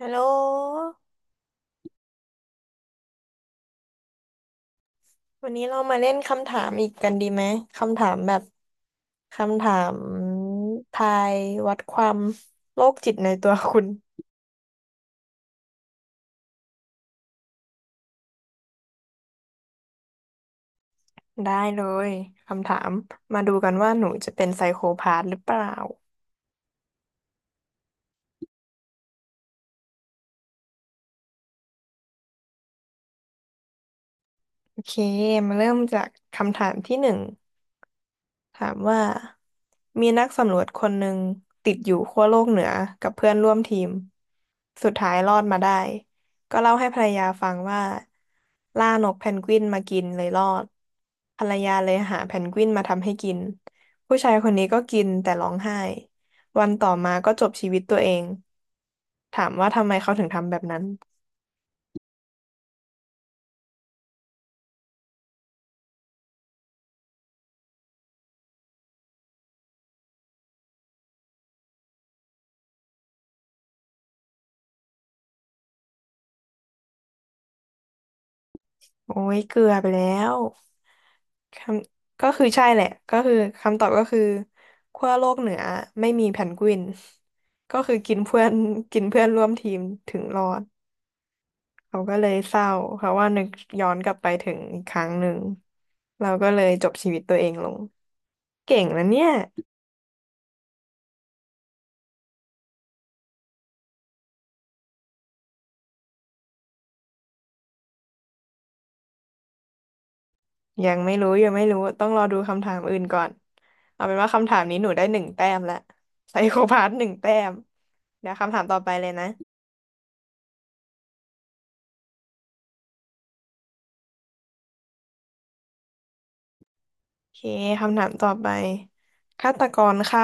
ฮัลโหลวันนี้เรามาเล่นคำถามอีกกันดีไหม คำถามแบบคำถามทายวัดความโรคจิตในตัวคุณ ได้เลย คำถามมาดูกันว่าหนูจะเป็นไซโคพาธหรือเปล่า โอเค มาเริ่มจากคำถามที่หนึ่ง ถามว่ามีนักสำรวจคนหนึ่งติดอยู่ขั้วโลกเหนือกับเพื่อนร่วมทีมสุดท้ายรอดมาได้ก็เล่าให้ภรรยาฟังว่าล่านกเพนกวินมากินเลยรอดภรรยาเลยหาเพนกวินมาทำให้กินผู้ชายคนนี้ก็กินแต่ร้องไห้วันต่อมาก็จบชีวิตตัวเองถามว่าทำไมเขาถึงทำแบบนั้นโอ้ยเกลือไปแล้ว คำก็คือใช่แหละก็คือคำตอบก็คือขั้วโลกเหนือไม่มีแพนกวิน ก็คือกินเพื่อน กินเพื่อนร่วมทีมถึงรอดเขาก็เลยเศร้าเพราะว่านึกย้อนกลับไปถึงอีกครั้งหนึ่งเราก็เลยจบชีวิตตัวเองลง เก่งนะเนี่ยยังไม่รู้ยังไม่รู้ต้องรอดูคำถามอื่นก่อนเอาเป็นว่าคำถามนี้หนูได้หนึ่งแต้มละไซโคพาสหนึ่งแต้มเดี๋ยวคำถามต่อไปเลยนะโอเคคำถามต่อไปฆาตกรฆ่า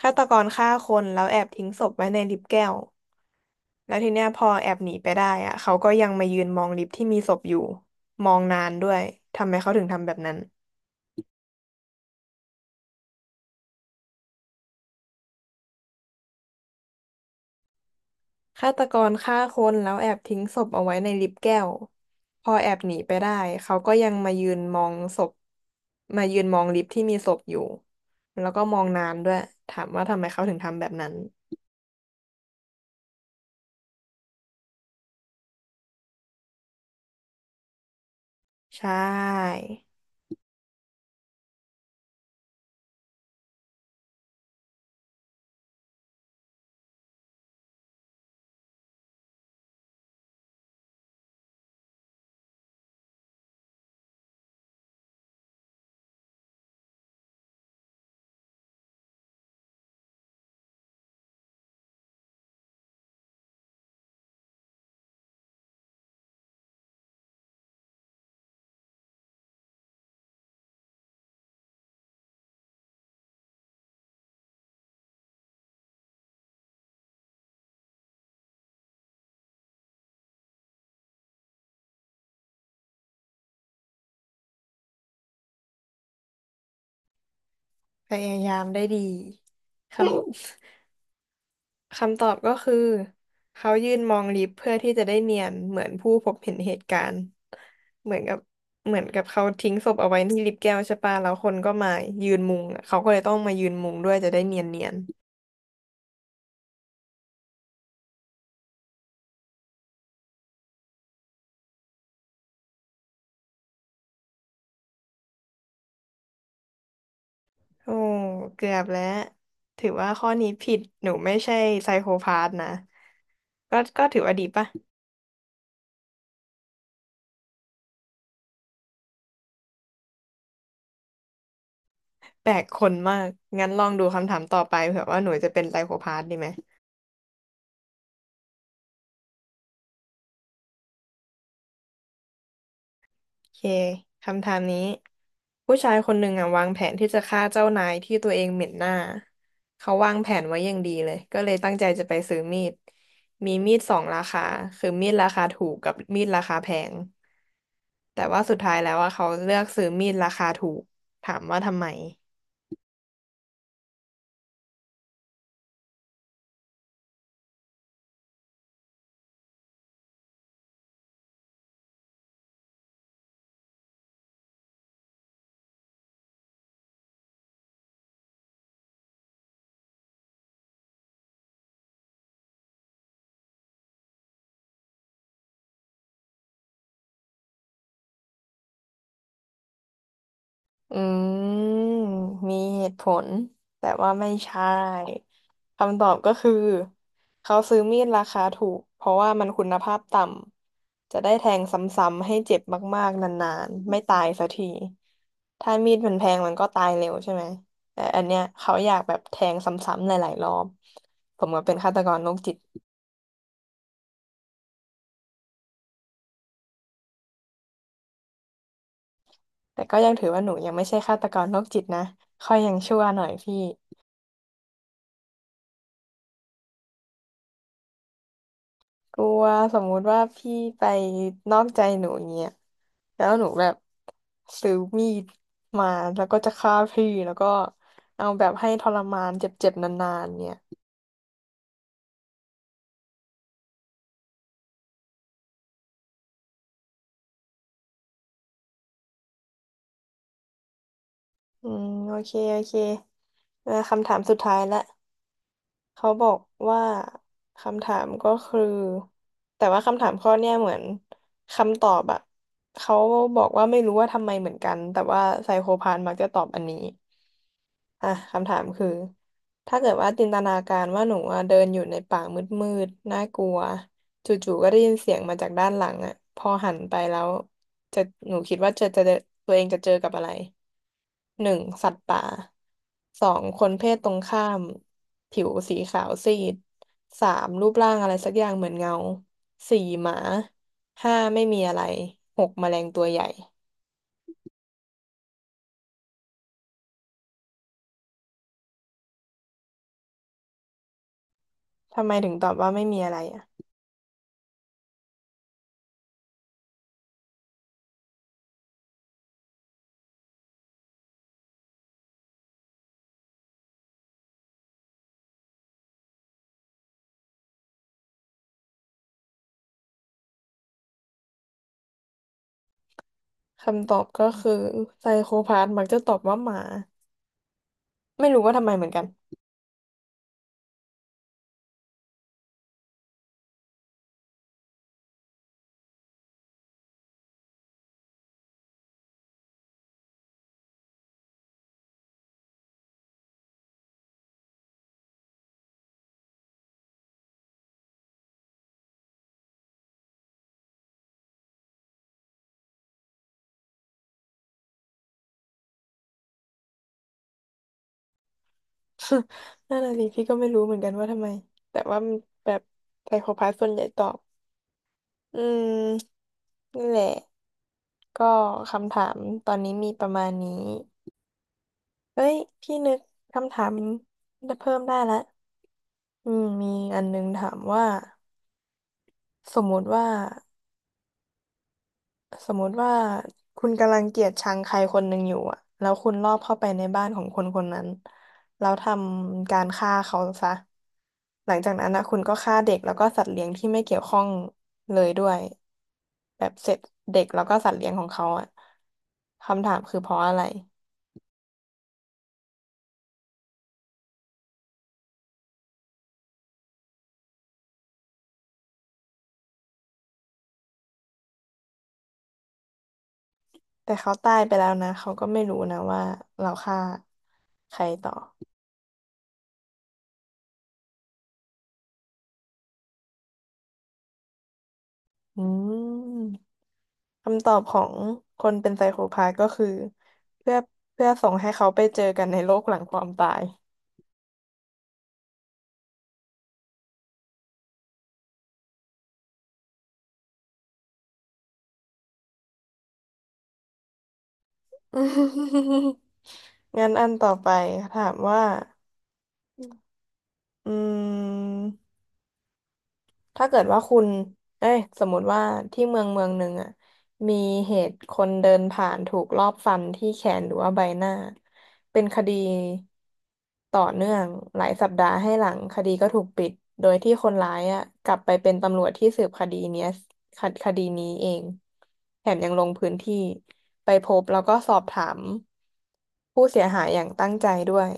ฆาตกรฆ่าคนแล้วแอบทิ้งศพไว้ในลิฟต์แก้วแล้วทีเนี้ยพอแอบหนีไปได้อะเขาก็ยังมายืนมองลิฟต์ที่มีศพอยู่มองนานด้วยทำไมเขาถึงทำแบบนั้นฆาตกรฆ่าคนแล้วแอบทิ้งศพเอาไว้ในลิฟต์แก้วพอแอบหนีไปได้เขาก็ยังมายืนมองศพมายืนมองลิฟต์ที่มีศพอยู่แล้วก็มองนานด้วยถามว่าทำไมเขาถึงทำแบบนั้นใช่พยายามได้ดี ครับ คำตอบก็คือเขายืนมองลิฟต์เพื่อที่จะได้เนียนเหมือนผู้พบเห็นเหตุการณ์เหมือนกับเหมือนกับเขาทิ้งศพเอาไว้ที่ลิฟต์แก้วใช่ปะแล้วคนก็มายืนมุงอะเขาก็เลยต้องมายืนมุงด้วยจะได้เนียนเนียนโอ้เกือบแล้วถือว่าข้อนี้ผิดหนูไม่ใช่ไซโคพาธนะก็ถือว่าดีป่ะแปลกคนมากงั้นลองดูคำถามต่อไปเผื่อว่าหนูจะเป็นไซโคพาธดีไหม โอเค คำถามนี้ผู้ชายคนหนึ่งอ่ะวางแผนที่จะฆ่าเจ้านายที่ตัวเองเหม็นหน้า เขาวางแผนไว้อย่างดีเลยก็เลยตั้งใจจะไปซื้อมีด มีมีดสองราคาคือมีดราคาถูกกับมีดราคาแพงแต่ว่าสุดท้ายแล้วว่าเขาเลือกซื้อมีดราคาถูก ถามว่าทำไม อืมมีเหตุผลแต่ว่าไม่ใช่คำตอบก็คือเขาซื้อมีดราคาถูกเพราะว่ามันคุณภาพต่ำจะได้แทงซ้ำๆให้เจ็บมากๆนานๆไม่ตายสักทีถ้ามีดมันแพงมันก็ตายเร็วใช่ไหมแต่อันเนี้ยเขาอยากแบบแทงซ้ำๆหลายๆรอบผมก็เป็นฆาตกรโรคจิตแต่ก็ยังถือว่าหนูยังไม่ใช่ฆาตกรโรคจิตนะค่อยยังชั่วหน่อยพี่ กลัวสมมุติว่าพี่ไปนอกใจหนูอย่างเงี้ยแล้วหนูแบบซื้อมีดมาแล้วก็จะฆ่าพี่แล้วก็เอาแบบให้ทรมานเจ็บๆนานๆเนี่ยอืมโอเคโอเคเออคำถามสุดท้ายละ เขาบอกว่าคำถามก็คือแต่ว่าคำถามข้อเนี้ยเหมือนคำตอบอะเขาบอกว่าไม่รู้ว่าทำไมเหมือนกันแต่ว่าไซโคพานมักจะตอบอันนี้อ่ะคำถามคือถ้าเกิดว่าจินตนาการว่าหนูอะเดินอยู่ในป่ามืดๆน่ากลัวจู่ๆก็ได้ยินเสียงมาจากด้านหลังอะพอหันไปแล้วจะหนูคิดว่าจะเจอตัวเองจะเจอกับอะไร หนึ่งสัตว์ป่าสองคนเพศตรงข้ามผิวสีขาวซีดสามรูปร่างอะไรสักอย่างเหมือนเงาสี่หมาห้าไม่มีอะไรหกแมลงตัวใหญ่ทำไมถึงตอบว่าไม่มีอะไรอ่ะคำตอบก็คือไซโคพาธมักจะตอบว่าหมาไม่รู้ว่าทำไมเหมือนกัน นั่นน่ะสิพี่ก็ไม่รู้เหมือนกันว่าทำไมแต่ว่ามันแบบไซโคพาธส่วนใหญ่ตอบอืมนี่นแหละก็คำถามตอนนี้มีประมาณนี้ เฮ้ยพี่นึกคำถามได้เพิ่มได้ละอืมมีอันนึงถามว่าสมมุติว่าสมมุติว่าคุณกำลังเกลียดชังใครคนหนึ่งอยู่อะแล้วคุณลอบเข้าไปในบ้านของคนคนนั้นแล้วทำการฆ่าเขาซะ หลังจากนั้นนะคุณก็ฆ่าเด็กแล้วก็สัตว์เลี้ยงที่ไม่เกี่ยวข้องเลยด้วยแบบเสร็จเด็กแล้วก็สัตว์เลี้ยงของเขาอะคำถามคือเพราะอะไร แต่เขาตายไปแล้วนะเขาก็ไม่รู้นะว่าเราฆ่าใครต่ออืมคำตอบของคนเป็นไซโคพาธก็คือเพื่อเพื่อส่งให้เขาไปเจอกันในโลกหลังความตาย งั้นอันต่อไปถามว่าอืม ถ้าเกิดว่าคุณเอ้ยสมมติว่าที่เมืองเมืองหนึ่งอ่ะมีเหตุคนเดินผ่านถูกลอบฟันที่แขนหรือว่าใบหน้า เป็นคดีต่อเนื่องหลายสัปดาห์ให้หลังคดีก็ถูกปิด โดยที่คนร้ายอ่ะกลับไปเป็นตำรวจที่สืบคดีเนี้ยคคดีนี้เองแถมยังลงพื้นที่ไปพบแล้วก็สอบถามผู้เสียหายอย่างตั้งใจด้วย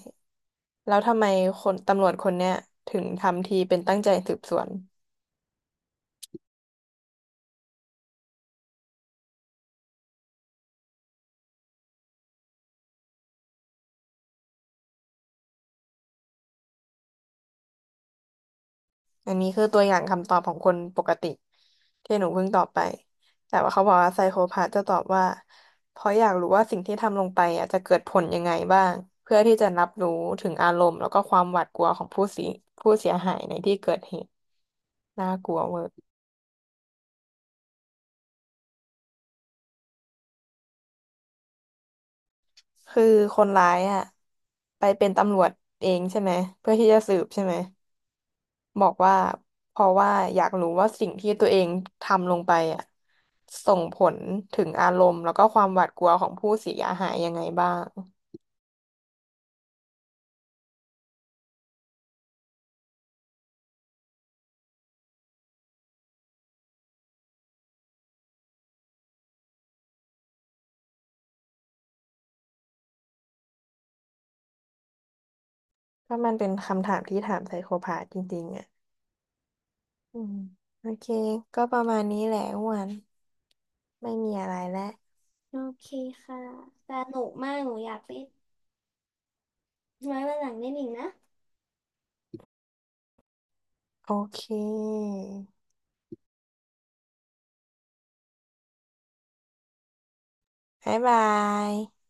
แล้วทำไมคนตำรวจคนเนี้ยถึงทำทีเป็นตั้งใจสืบสวน อันนี้คือตัวอย่างคำตอบของคนปกติที่หนูเพิ่งตอบไปแต่ว่าเขาบอกว่าไซโคพาธจะตอบว่าเพราะอยากรู้ว่าสิ่งที่ทำลงไปอ่ะจะเกิดผลยังไงบ้างเพื่อที่จะรับรู้ถึงอารมณ์แล้วก็ความหวาดกลัวของผู้เสียหายในที่เกิดเหตุน่ากลัวเวอร์คือคนร้ายอ่ะไปเป็นตำรวจเองใช่ไหมเพื่อที่จะสืบใช่ไหม บอกว่าเพราะว่าอยากรู้ว่าสิ่งที่ตัวเองทำลงไปอ่ะส่งผลถึงอารมณ์แล้วก็ความหวาดกลัวของผู้เสียหายยังไงบ้างก็มันเป็นคำถามที่ถามไซโคพาธจริงๆอ่ะอืมโอเคก็ประมาณนี้แหละอ้วันไม่มีอะไรแล้วโอเคค่ะสนุกมากหนูอยากเป่นไว้วันหลังเล่นอีกนะโอเคบ๊ายบาย